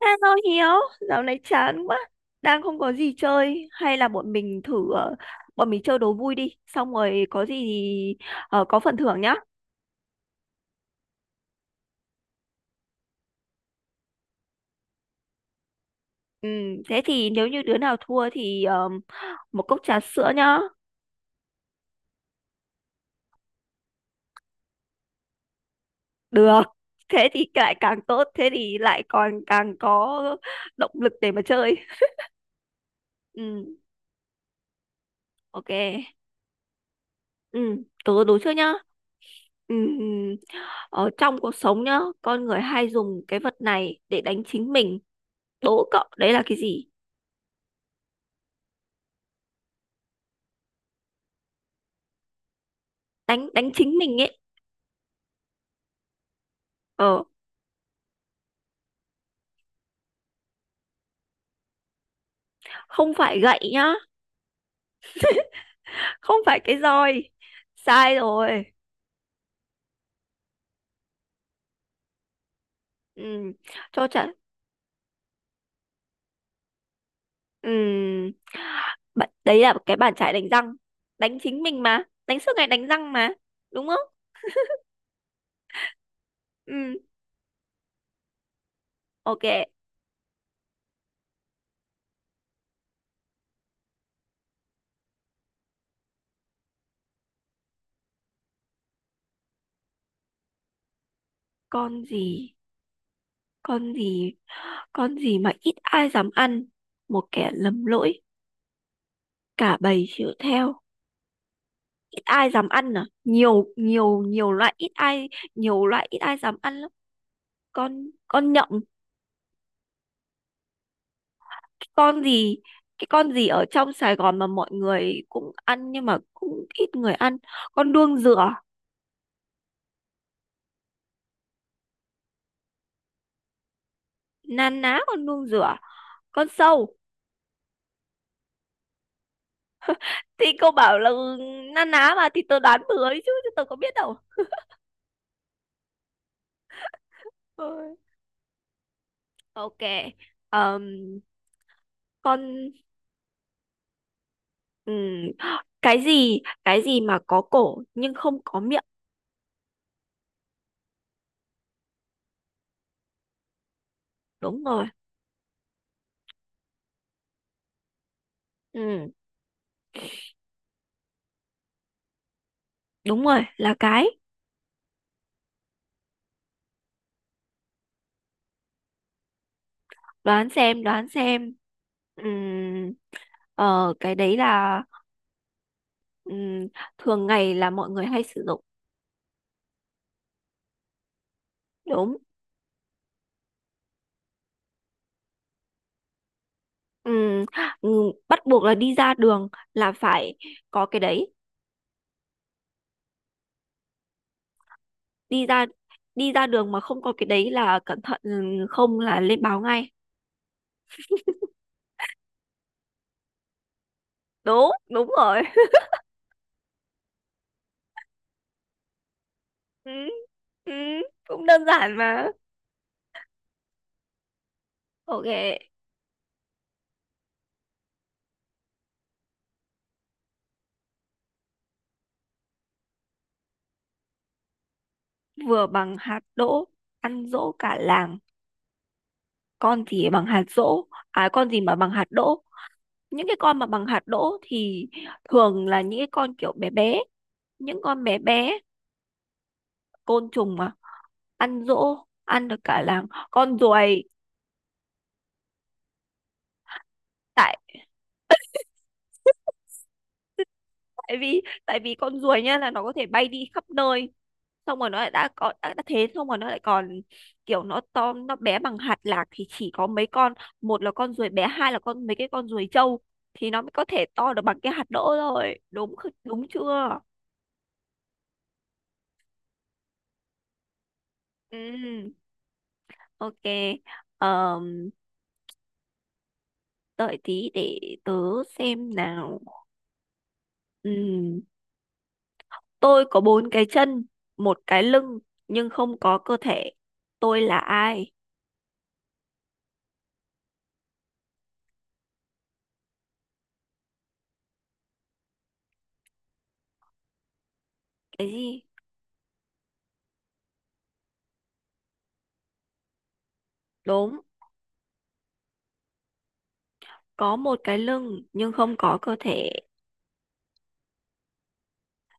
Hello Hiếu, dạo này chán quá, đang không có gì chơi, hay là bọn mình thử, bọn mình chơi đố vui đi, xong rồi có gì thì có phần thưởng nhá. Ừ, thế thì nếu như đứa nào thua thì một cốc trà sữa nhá. Được, thế thì lại càng tốt, thế thì lại còn càng có động lực để mà chơi. Ừ, ok, ừ, tớ đố trước nhá. Ừ, ở trong cuộc sống nhá, con người hay dùng cái vật này để đánh chính mình. Đố cậu, đấy là cái gì? Đánh đánh chính mình ấy. Ờ, không phải gậy nhá, không phải cái roi. Sai rồi. Ừ, cho trả. Ừ, bạn- đấy là cái bàn chải đánh răng. Đánh chính mình mà, đánh suốt ngày đánh răng mà, đúng không? Ừ, ok. Con gì? Con gì? Con gì mà ít ai dám ăn, một kẻ lầm lỗi cả bầy chịu theo? Ít ai dám ăn à? Nhiều nhiều nhiều loại ít ai, nhiều loại ít ai dám ăn lắm. Con nhộng? Con gì? Cái con gì ở trong Sài Gòn mà mọi người cũng ăn nhưng mà cũng ít người ăn? Con đuông dừa? Na ná con đuông dừa? Con sâu? Thì cô bảo là ừ, na ná mà, thì tớ đoán bừa ấy chứ, tớ có biết đâu. Ôi. Ok. ờm, con. ừm, cái gì, cái gì mà có cổ nhưng không có miệng? Đúng rồi. Ừ, đúng rồi, là cái. Đoán xem, đoán xem. Ừm, cái đấy là Ừm, thường ngày là mọi người hay sử dụng. Đúng. Ừm, Bắt buộc là đi ra đường là phải có cái đấy. Đi ra, đi ra đường mà không có cái đấy là cẩn thận, không là lên báo ngay. Đúng, đúng rồi. Ừ, ừ, cũng đơn giản mà. Ok. Vừa bằng hạt đỗ, ăn dỗ cả làng. Con gì bằng hạt dỗ à? Con gì mà bằng hạt đỗ? Những cái con mà bằng hạt đỗ thì thường là những cái con kiểu bé bé, những con bé bé. Côn trùng mà. Ăn dỗ, ăn được cả làng. Con ruồi. Tại, tại vì tại vì con ruồi nhá, là nó có thể bay đi khắp nơi, xong rồi nó lại đã có đã thế xong rồi nó lại còn kiểu nó to, nó bé bằng hạt lạc thì chỉ có mấy con, một là con ruồi bé, hai là con mấy cái con ruồi trâu thì nó mới có thể to được bằng cái hạt đỗ rồi, đúng kh- đúng chưa? Ừ, ok. um, Đợi tí để tớ xem nào. Ừ. Tôi có bốn cái chân, một cái lưng, nhưng không có cơ thể. Tôi là ai? Cái gì? Đúng, có một cái lưng, nhưng không có cơ thể.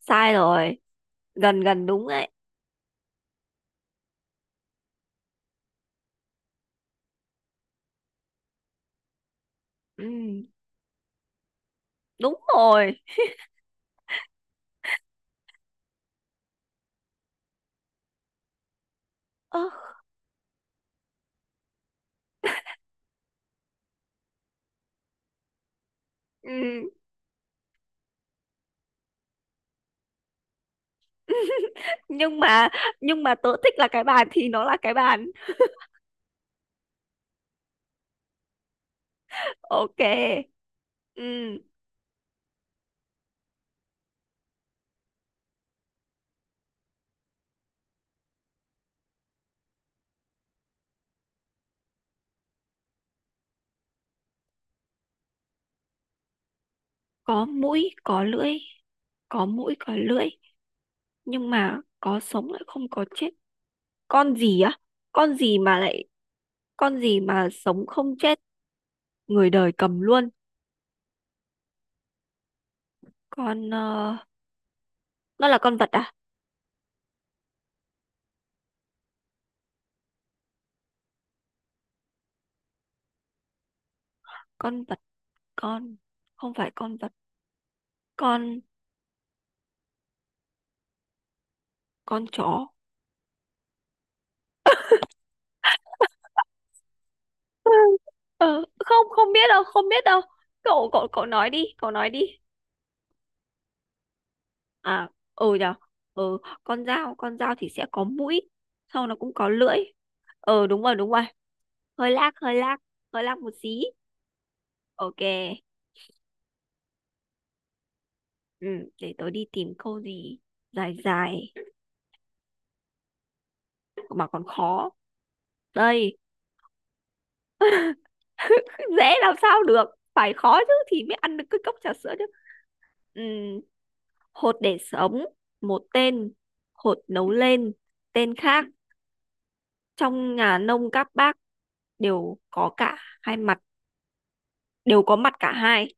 Sai rồi, gần gần đúng đấy. Ừ, đúng rồi. Ơ, ừ, nhưng mà, nhưng mà tớ thích là cái bàn thì nó là cái bàn. Ok. Ừ, có mũi, có lưỡi, có mũi, có lưỡi, nhưng mà có sống lại không có chết. Con gì á? Con gì mà lại, con gì mà sống không chết? Người đời cầm luôn. Con nó là con vật à? Con vật. Con. Không phải con vật. Con. Con chó. Ờ, không, không biết đâu, không biết đâu. Cậu cậu cậu nói đi, cậu nói đi. À, ừ nhở. Ừ, con dao. Con dao thì sẽ có mũi, sau nó cũng có lưỡi. Ờ đúng rồi, đúng rồi. Hơi lag, hơi lag, hơi lag một xí. Ok. Ừ, để tớ đi tìm câu gì dài dài mà còn khó đây. Dễ làm sao được, phải khó chứ thì mới ăn được cái cốc trà sữa chứ. Ừm, Hột để sống một tên, hột nấu lên tên khác, trong nhà nông các bác đều có cả hai mặt, đều có mặt cả hai.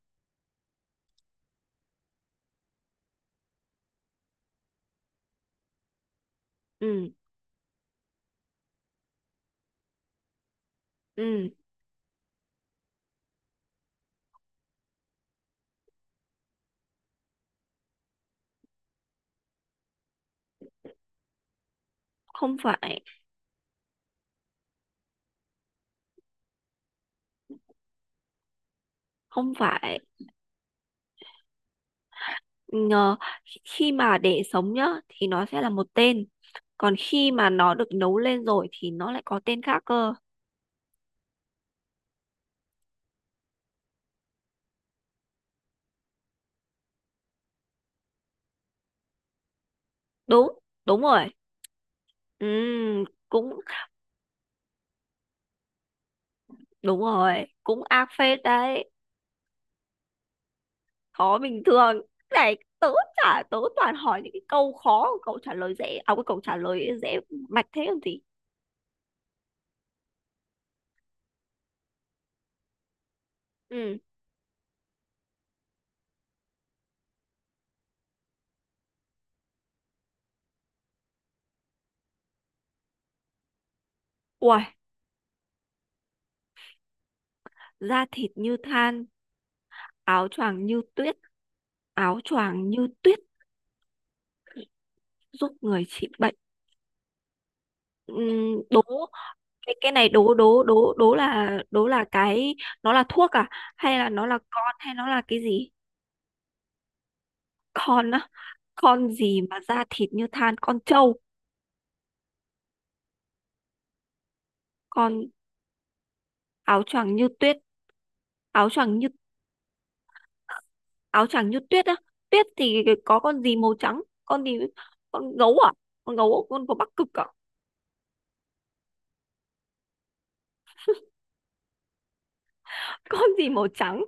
Ừm, ừm, Không phải, không phải. Ngờ-, khi mà để sống nhá thì nó sẽ là một tên, còn khi mà nó được nấu lên rồi thì nó lại có tên khác cơ. Đúng, đúng rồi. Cũng. Đúng rồi, cũng ác phết đấy, khó bình thường. Này, tớ chả, tớ toàn hỏi những cái câu khó, cậu trả lời dễ, à cái câu trả lời dễ mạch thế làm gì? Ừ, uầy, da thịt như than, áo choàng như tuyết, áo choàng như tuyết giúp người trị bệnh. Đố cái này đố đố đố đố là cái nó là thuốc à, hay là nó là con, hay nó là cái gì? Con á. Con gì mà da thịt như than? Con trâu? Con. Áo choàng như tuyết, áo choàng như, áo choàng như tuyết á, tuyết thì có con gì màu trắng? Con gì? Con gấu à? Con gấu con của Bắc Cực à? Con gì màu trắng?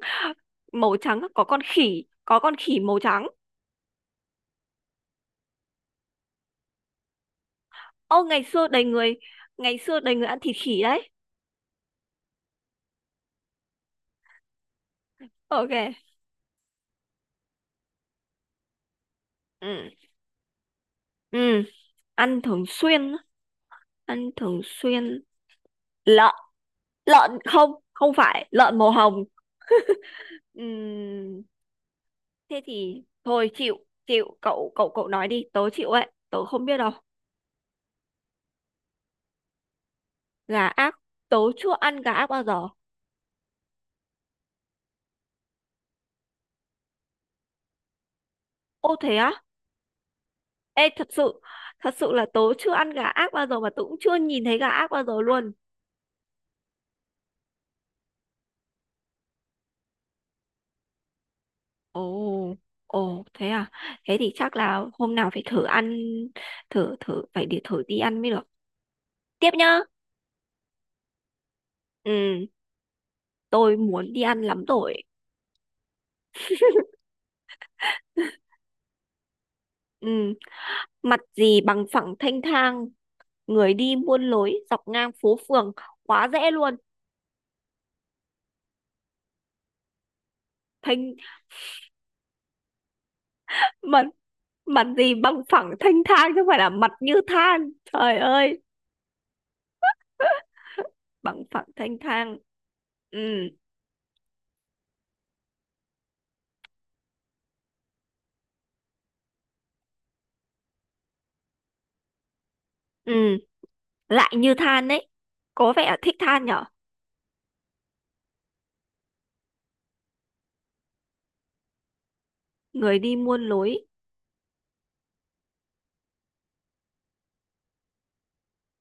Màu trắng á, có con khỉ màu trắng. Ô ngày xưa đầy người, ngày xưa đầy người ăn thịt khỉ đấy. Ok. Ừ. Ừ, ăn thường xuyên, á, ăn thường xuyên. Lợn, lợn không, không phải lợn màu hồng. Ừm, thế thì thôi chịu, chịu. Cậu cậu cậu nói đi, tớ chịu ấy, tớ không biết đâu. Gà ác. Tớ chưa ăn gà ác bao giờ. Ô thế á. Ê thật sự, thật sự là tớ chưa ăn gà ác bao giờ mà tớ cũng chưa nhìn thấy gà ác bao giờ luôn. Ồ. Ồ thế à. Thế thì chắc là hôm nào phải thử ăn, thử thử, phải để thử đi ăn mới được. Tiếp nhá. Ừ, tôi muốn đi ăn lắm rồi. Ừ, mặt gì bằng phẳng thanh thang, người đi muôn lối dọc ngang phố phường. Quá dễ luôn. Thênh. Mặt, mặt gì bằng phẳng thanh thang chứ không phải là mặt như than, trời ơi. Bằng phẳng thanh thang. Ừ, ừ, lại như than đấy, có vẻ thích than nhở. Người đi muôn lối.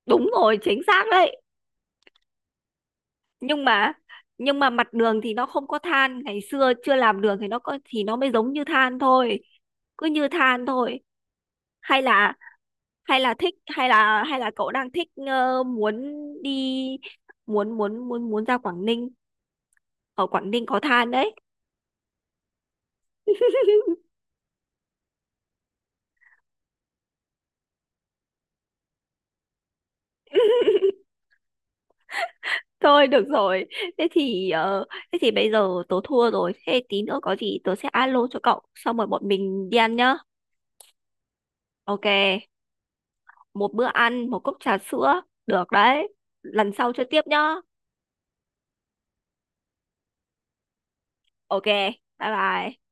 Đúng rồi, chính xác đấy. Nhưng mà, nhưng mà mặt đường thì nó không có than, ngày xưa chưa làm đường thì nó có, thì nó mới giống như than thôi, cứ như than thôi. Hay là, hay là thích, hay là, hay là cậu đang thích muốn đi, muốn muốn ra Quảng Ninh, ở Quảng Ninh có than đấy. Thôi được rồi, thế thì thế thì bây giờ tớ thua rồi, thế tí nữa có gì tớ sẽ alo cho cậu xong rồi bọn mình đi ăn nhá. Ok. Một bữa ăn một cốc trà sữa, được đấy. Lần sau chơi tiếp nhá. Ok. Bye bye.